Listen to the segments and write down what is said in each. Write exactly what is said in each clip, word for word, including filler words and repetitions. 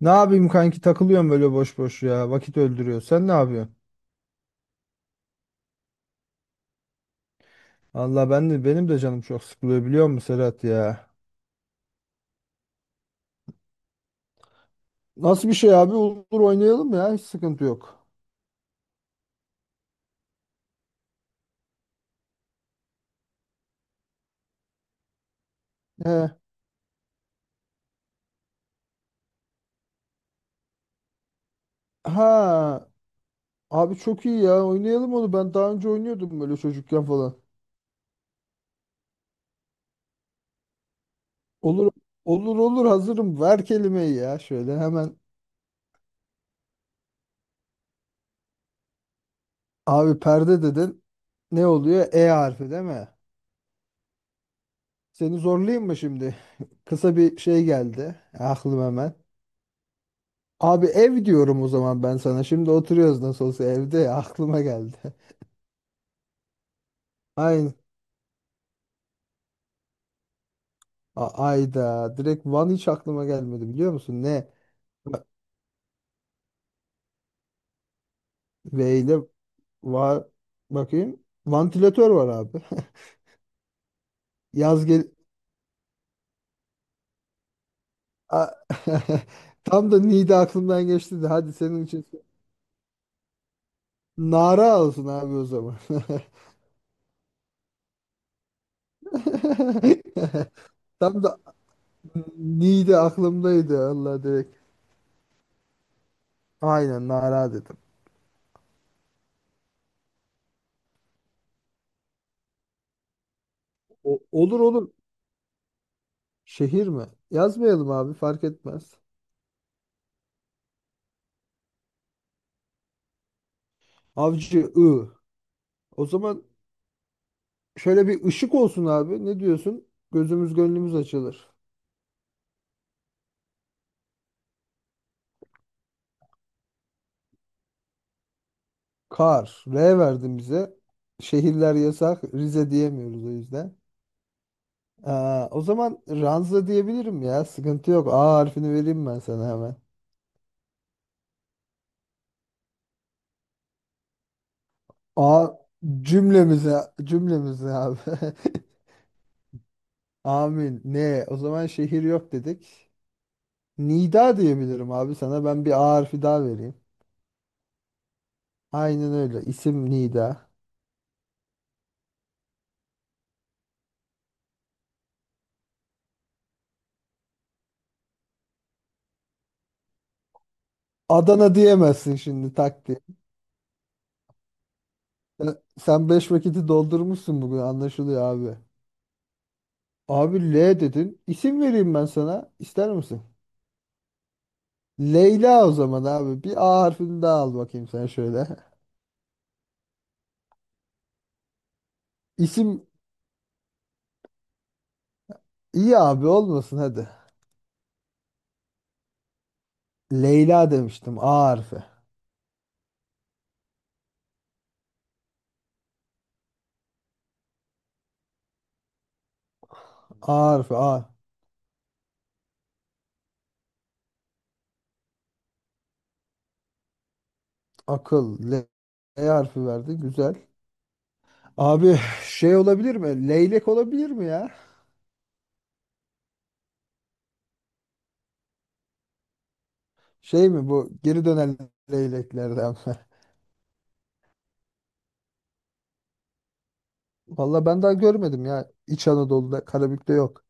Ne yapayım kanki takılıyorum böyle boş boş ya. Vakit öldürüyor. Sen ne yapıyorsun? Allah ben de benim de canım çok sıkılıyor biliyor musun Serhat ya? Nasıl bir şey abi? Olur oynayalım ya. Hiç sıkıntı yok. He. Ha. Abi çok iyi ya. Oynayalım onu. Ben daha önce oynuyordum böyle çocukken falan. Olur olur olur hazırım. Ver kelimeyi ya şöyle hemen. Abi perde dedin. Ne oluyor? E harfi değil mi? Seni zorlayayım mı şimdi? Kısa bir şey geldi. Aklım hemen. Abi ev diyorum o zaman ben sana. Şimdi oturuyoruz nasıl olsa evde ya, aklıma geldi. Aynı. A- Ayda. Direkt Van hiç aklıma gelmedi biliyor musun? Ne? Va- V ile var. Bakayım. Vantilatör var abi. Yaz gel. A- Tam da Niğde aklımdan geçti de hadi senin için. Nara olsun abi o zaman. Tam da Niğde aklımdaydı Allah direkt. Aynen Nara dedim. O- olur olur. Şehir mi? Yazmayalım abi fark etmez. Avcı I. O zaman şöyle bir ışık olsun abi. Ne diyorsun? Gözümüz gönlümüz açılır. Kar. R verdin bize. Şehirler yasak. Rize diyemiyoruz o yüzden. Aa, o zaman Ranza diyebilirim ya. Sıkıntı yok. A harfini vereyim ben sana hemen. A cümlemize cümlemize abi. Amin. Ne? O zaman şehir yok dedik. Nida diyebilirim abi sana. Ben bir A harfi daha vereyim. Aynen öyle. İsim Nida. Adana diyemezsin şimdi tak diye. Sen, sen beş vakiti doldurmuşsun bugün anlaşılıyor abi. Abi L dedin. İsim vereyim ben sana. İster misin? Leyla o zaman abi. Bir A harfini daha al bakayım sen şöyle. İsim iyi abi olmasın hadi. Leyla demiştim. A harfi. A harfi. A. Akıl. L, L harfi verdi. Güzel. Abi şey olabilir mi? Leylek olabilir mi ya? Şey mi bu? Geri dönen leyleklerden. Valla ben daha görmedim ya. İç Anadolu'da, Karabük'te yok.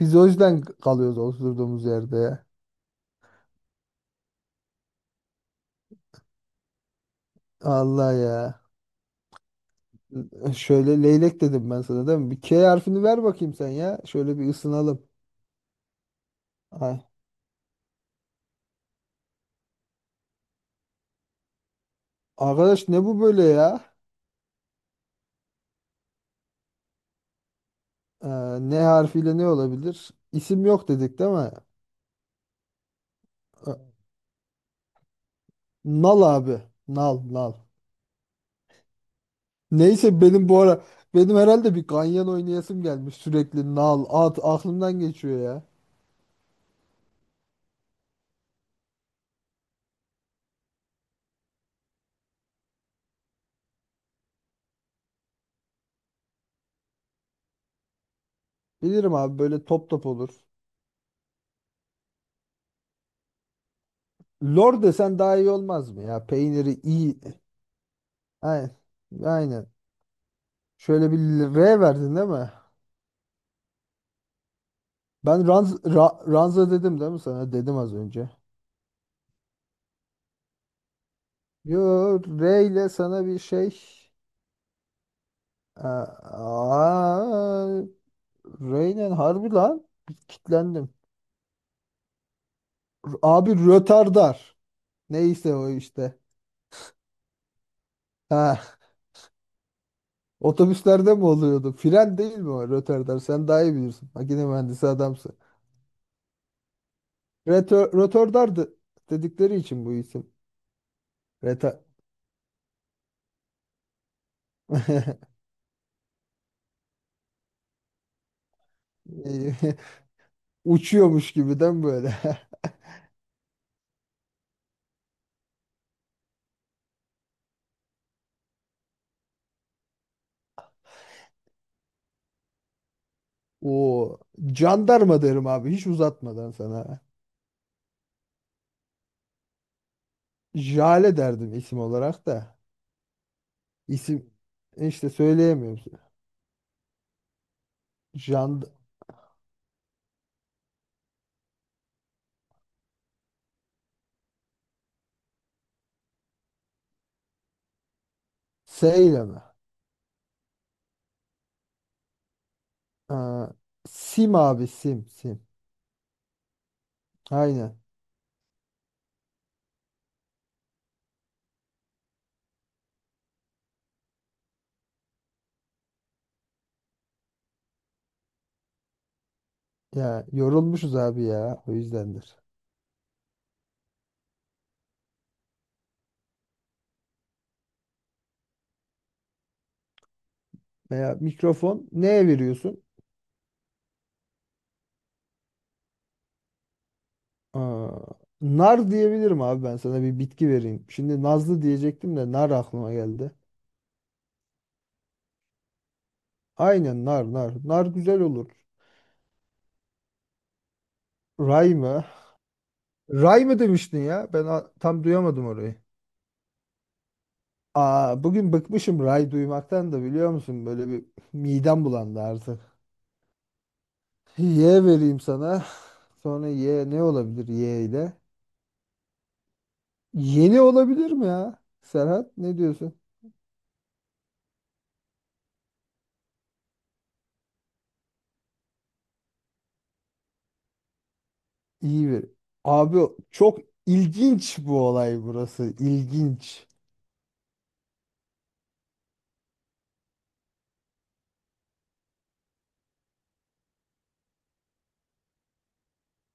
Biz o yüzden kalıyoruz oturduğumuz yerde ya. Allah ya. Şöyle leylek dedim ben sana değil mi? Bir K harfini ver bakayım sen ya. Şöyle bir ısınalım. Ay. Arkadaş ne bu böyle ya? Ee, ne harfiyle ne olabilir? İsim yok dedik değil mi? Ee, Nal abi. Nal, nal. Neyse benim bu ara benim herhalde bir ganyan oynayasım gelmiş sürekli nal, at aklımdan geçiyor ya. Bilirim abi böyle top top olur. Lor desen daha iyi olmaz mı ya? Peyniri iyi. Aynen. Aynen. Şöyle bir R verdin değil mi? Ben ranz, ra- ranza dedim değil mi sana? Dedim az önce. Yo R ile sana bir şey. Aa, R ile harbi lan. Kitlendim. Abi rötardar. Neyse o işte. Ha, otobüslerde mi oluyordu? Fren değil mi o rötardar? Sen daha iyi bilirsin. Makine mühendisi adamsın. Rötö- Rötardar de- dedikleri için bu isim. Reta uçuyormuş gibiden böyle. O jandarma derim abi hiç uzatmadan sana. Jale derdim isim olarak da. İsim işte söyleyemiyorum. Jand S ile mi? Ha, Sim abi Sim Sim. Aynen. Ya yorulmuşuz abi ya o yüzdendir. Veya mikrofon neye veriyorsun? Aa, nar diyebilirim abi ben sana bir bitki vereyim. Şimdi nazlı diyecektim de nar aklıma geldi. Aynen nar nar. Nar güzel olur. Ray mı? Ray mı demiştin ya? Ben a- tam duyamadım orayı. Aa, bugün bıkmışım ray duymaktan da biliyor musun? Böyle bir midem bulandı artık. Y vereyim sana. Sonra Y ne olabilir Y ile? Yeni olabilir mi ya? Serhat ne diyorsun? İyi bir. Abi çok ilginç bu olay burası. İlginç.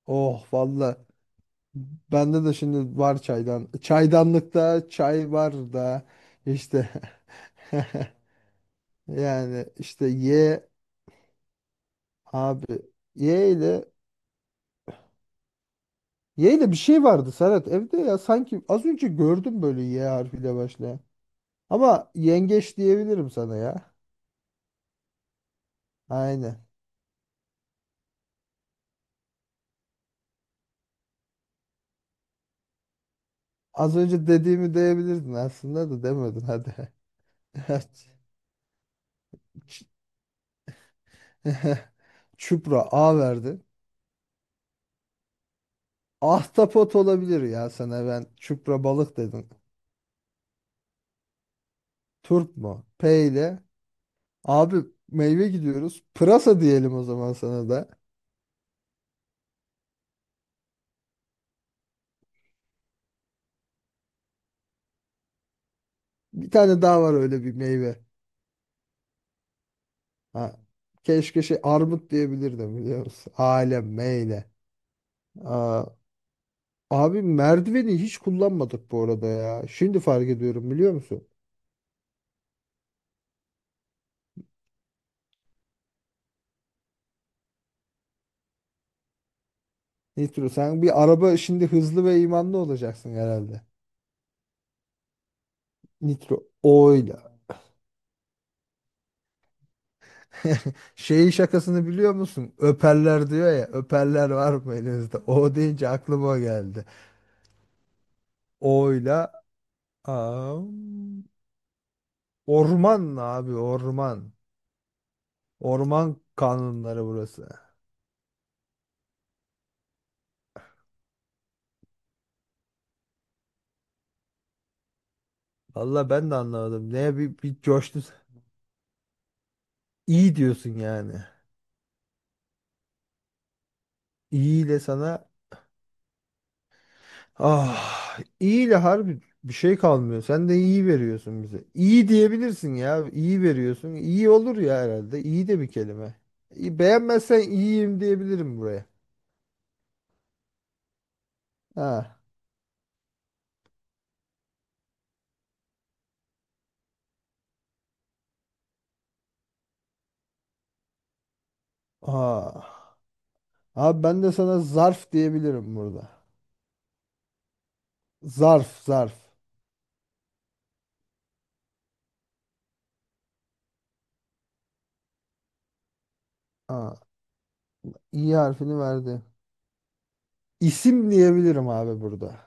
Oh valla. Bende de şimdi var çaydan. Çaydanlıkta çay var da işte yani işte ye abi ye ile ye ile bir şey vardı Serhat evde ya sanki az önce gördüm böyle ye harfiyle başlayan. Ama yengeç diyebilirim sana ya. Aynen. Az önce dediğimi diyebilirdin aslında da demedin hadi. Çupra A verdi. Ahtapot olabilir ya sana ben. Çupra balık dedim. Turp mu? P ile. Abi meyve gidiyoruz. Pırasa diyelim o zaman sana da. Bir tane daha var öyle bir meyve. Ha. Keşke şey armut diyebilirdim biliyor musun? Alem meyle. Aa, abi merdiveni hiç kullanmadık bu arada ya. Şimdi fark ediyorum biliyor musun? Nitro sen bir araba şimdi hızlı ve imanlı olacaksın herhalde. Nitro oyla. Şeyi şakasını biliyor musun? Öperler diyor ya. Öperler var mı elinizde? O deyince aklıma o geldi. Oyla Aa, orman abi orman. Orman kanunları burası. Valla ben de anlamadım. Neye bir, bir coştun. İyi diyorsun yani. İyiyle sana ah iyiyle harbi bir şey kalmıyor. Sen de iyi veriyorsun bize. İyi diyebilirsin ya. İyi veriyorsun. İyi olur ya herhalde. İyi de bir kelime. İyi- Beğenmezsen iyiyim diyebilirim buraya. Ha. Aa. Abi ben de sana zarf diyebilirim burada. Zarf, zarf. Ha. İ harfini verdi. İsim diyebilirim abi burada.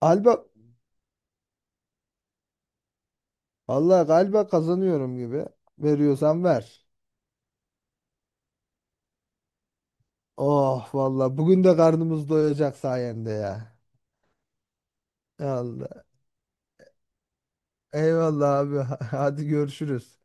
Alba, Allah galiba kazanıyorum gibi. Veriyorsan ver. Oh valla bugün de karnımız doyacak sayende ya. Allah. Eyvallah abi. Hadi görüşürüz.